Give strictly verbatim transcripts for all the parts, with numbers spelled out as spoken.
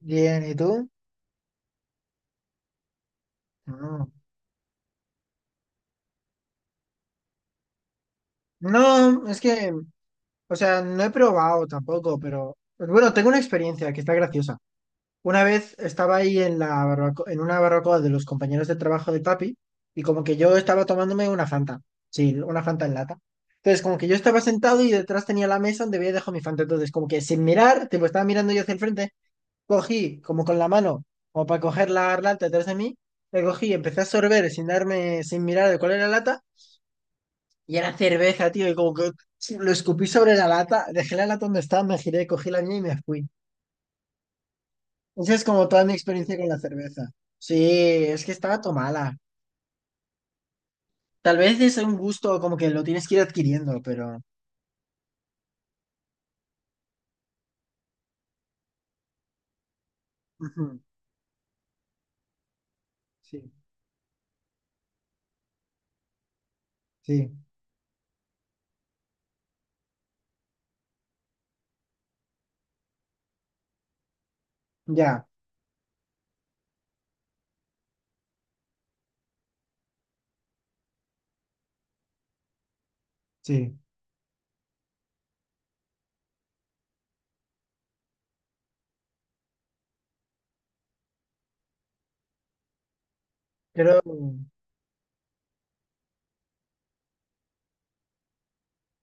Bien, ¿y tú? No, no, es que, o sea, no he probado tampoco, pero bueno, tengo una experiencia que está graciosa. Una vez estaba ahí en la barbaco- en una barbacoa de los compañeros de trabajo de papi y como que yo estaba tomándome una Fanta, sí, una Fanta en lata. Entonces, como que yo estaba sentado y detrás tenía la mesa donde había dejado mi Fanta. Entonces, como que sin mirar, tipo, estaba mirando yo hacia el frente, cogí como con la mano, como para coger la lata detrás de mí, la cogí, empecé a sorber sin darme, sin mirar de cuál era la lata. Y era cerveza, tío, y como que sí, lo escupí sobre la lata, dejé la lata donde estaba, me giré, cogí la mía y me fui. Esa es como toda mi experiencia con la cerveza. Sí, es que estaba tomada. Tal vez es un gusto como que lo tienes que ir adquiriendo, pero... Ujú, sí, sí, ya, sí. Creo,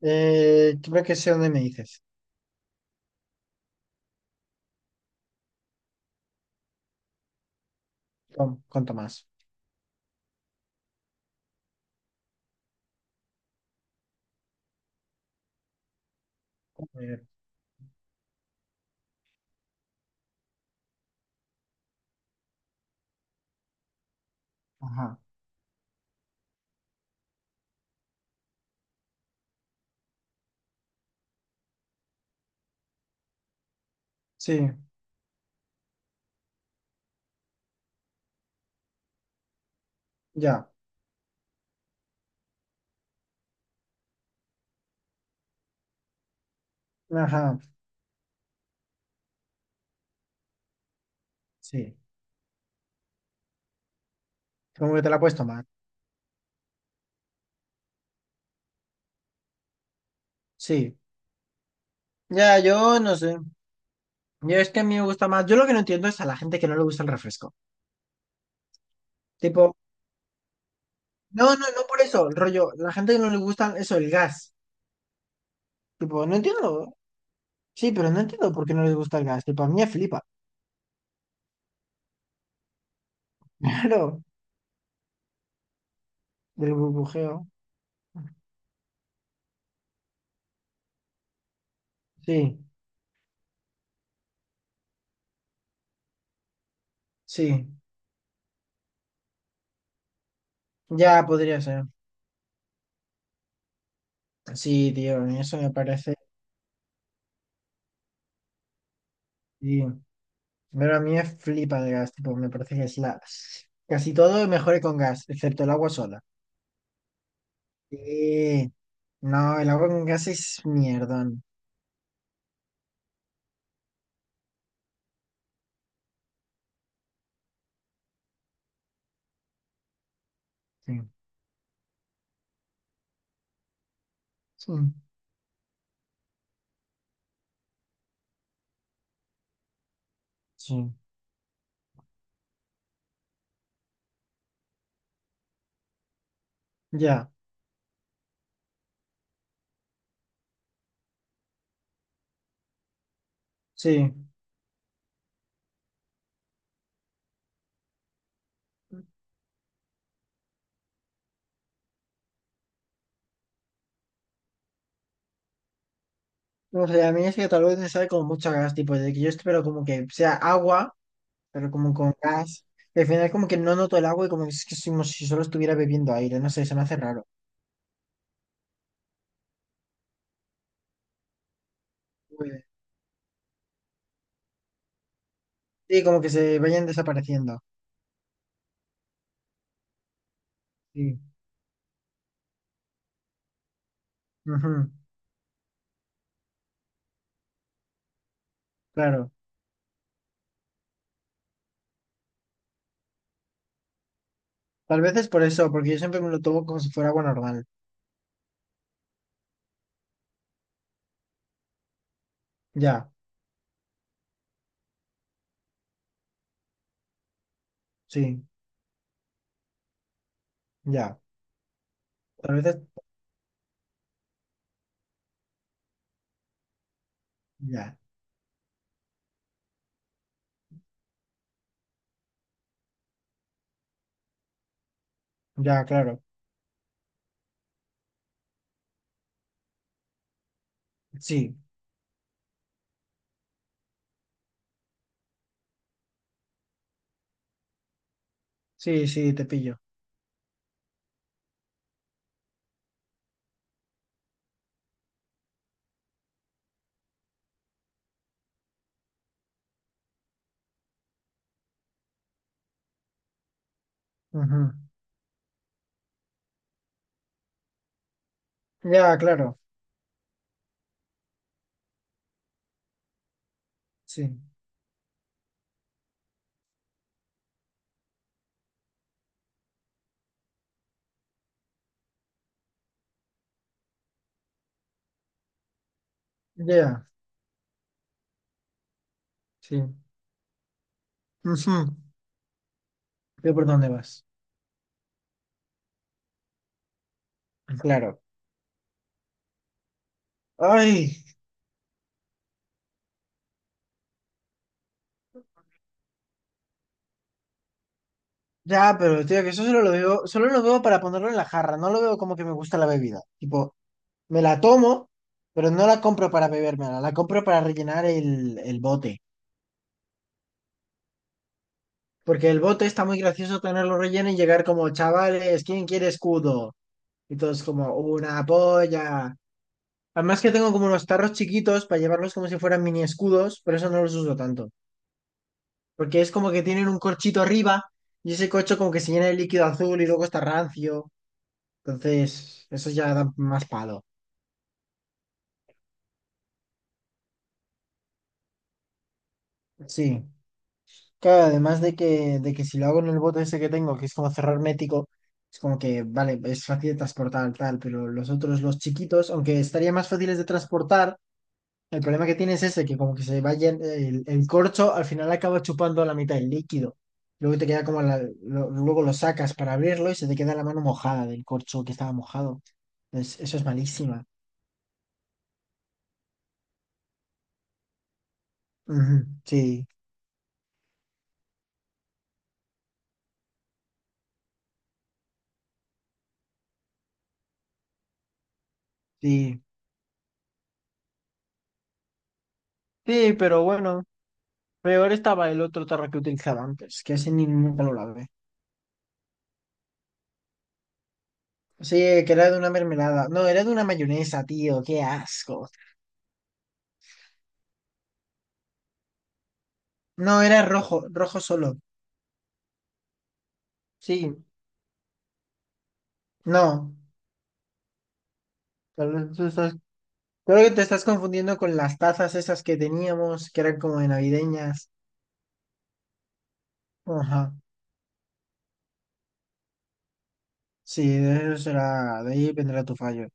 eh, creo que sé dónde me dices, con, con Tomás. Eh, Ajá, sí, ya, ajá, sí. Como que te la puedes tomar. Sí, ya, yo no sé. Yo es que a mí me gusta más. Yo lo que no entiendo es a la gente que no le gusta el refresco. Tipo, no, no, no por eso, el rollo. La gente que no le gusta eso, el gas. Tipo, no entiendo. Sí, pero no entiendo por qué no les gusta el gas. Tipo, a mí me flipa. Claro, del burbujeo. Sí, sí. Ya podría ser. Sí, tío, a mí eso me parece. Sí. Pero a mí me flipa el gas. Tipo, me parece que es la. Casi todo mejore con gas, excepto el agua sola. Sí. No, el agua con gas es mierdón. Sí. Sí. Sí, ya, sí. No sé, a mí es que tal vez me sabe como mucho a gas, tipo, de que yo espero como que sea agua, pero como con gas. Y al final como que no noto el agua y como que es que es como si solo estuviera bebiendo aire, no sé, se me hace raro. Uy. Sí, como que se vayan desapareciendo. Sí. Ujú, claro. Tal vez es por eso, porque yo siempre me lo tomo como si fuera agua normal. Ya, sí, ya. Tal vez es... Ya, ya, claro. Sí, sí, sí, te pillo. Ujú. Ya, claro. Sí. Ya, sí. Ujú. Veo por dónde vas. Claro. Ay, ya, pero tío, que eso solo lo veo, solo lo veo para ponerlo en la jarra. No lo veo como que me gusta la bebida. Tipo, me la tomo, pero no la compro para bebérmela. La compro para rellenar el, el bote. Porque el bote está muy gracioso tenerlo relleno y llegar como, chavales, ¿quién quiere escudo? Y todos como, una polla. Además que tengo como unos tarros chiquitos para llevarlos como si fueran mini escudos, pero eso no los uso tanto. Porque es como que tienen un corchito arriba y ese corcho como que se llena de líquido azul y luego está rancio. Entonces, eso ya da más palo. Sí. Claro, además de que, de que si lo hago en el bote ese que tengo, que es como cerrar hermético, es como que, vale, es fácil de transportar, tal, pero los otros, los chiquitos, aunque estaría más fáciles de transportar, el problema que tiene es ese, que como que se va el, el corcho al final acaba chupando la mitad del líquido. Luego te queda como la, lo- luego lo sacas para abrirlo y se te queda la mano mojada del corcho que estaba mojado. Es- eso es malísima. Ujú, sí, sí. Sí, pero bueno, peor estaba el otro tarro que utilizaba antes, que ese ni nunca lo lavé. Sí, que era de una mermelada. No, era de una mayonesa, tío, qué asco. No, era rojo, rojo solo. Sí, no. Tal vez tú estás. Creo que te estás confundiendo con las tazas esas que teníamos, que eran como de navideñas. Ajá. Sí, de eso será, de ahí vendrá tu fallo.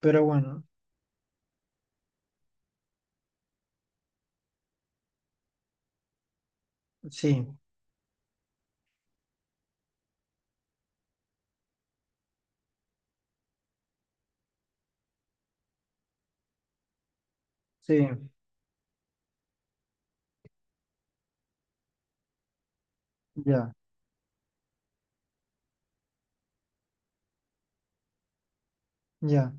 Pero bueno, sí, sí, ya, ya,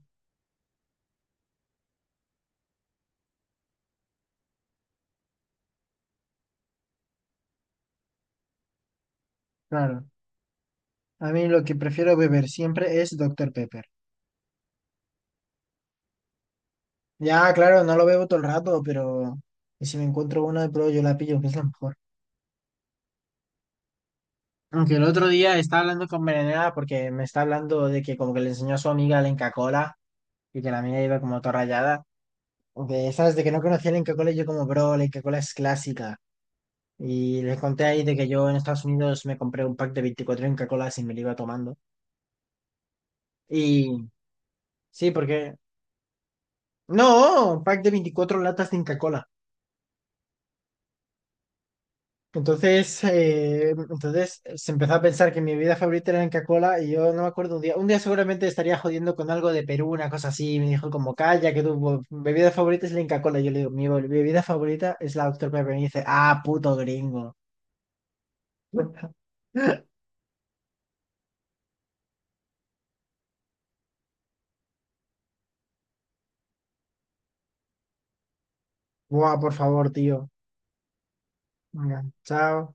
claro. A mí lo que prefiero beber siempre es Doctor Pepper. Ya, claro, no lo bebo todo el rato, pero y si me encuentro una de prueba yo la pillo, que es la mejor. Aunque el otro día estaba hablando con Berenera porque me está hablando de que como que le enseñó a su amiga la Inca Kola y que la mía iba como toda rayada. De, ¿sabes? De que no conocía el Inca Kola y yo como, bro, la Inca Kola es clásica. Y les conté ahí de que yo en Estados Unidos me compré un pack de veinticuatro Inca Kolas y me lo iba tomando. Y sí, porque... No, un pack de veinticuatro latas de Inca Kola. Entonces, eh, entonces se empezó a pensar que mi bebida favorita era la Inca Kola y yo no me acuerdo un día. Un día seguramente estaría jodiendo con algo de Perú, una cosa así. Y me dijo como, calla, que tu bebida favorita es la Inca Kola. Yo le digo, mi bebida favorita es la doctor Pepper. Y me dice, ah, puto gringo. Buah, por favor, tío. Venga, chao.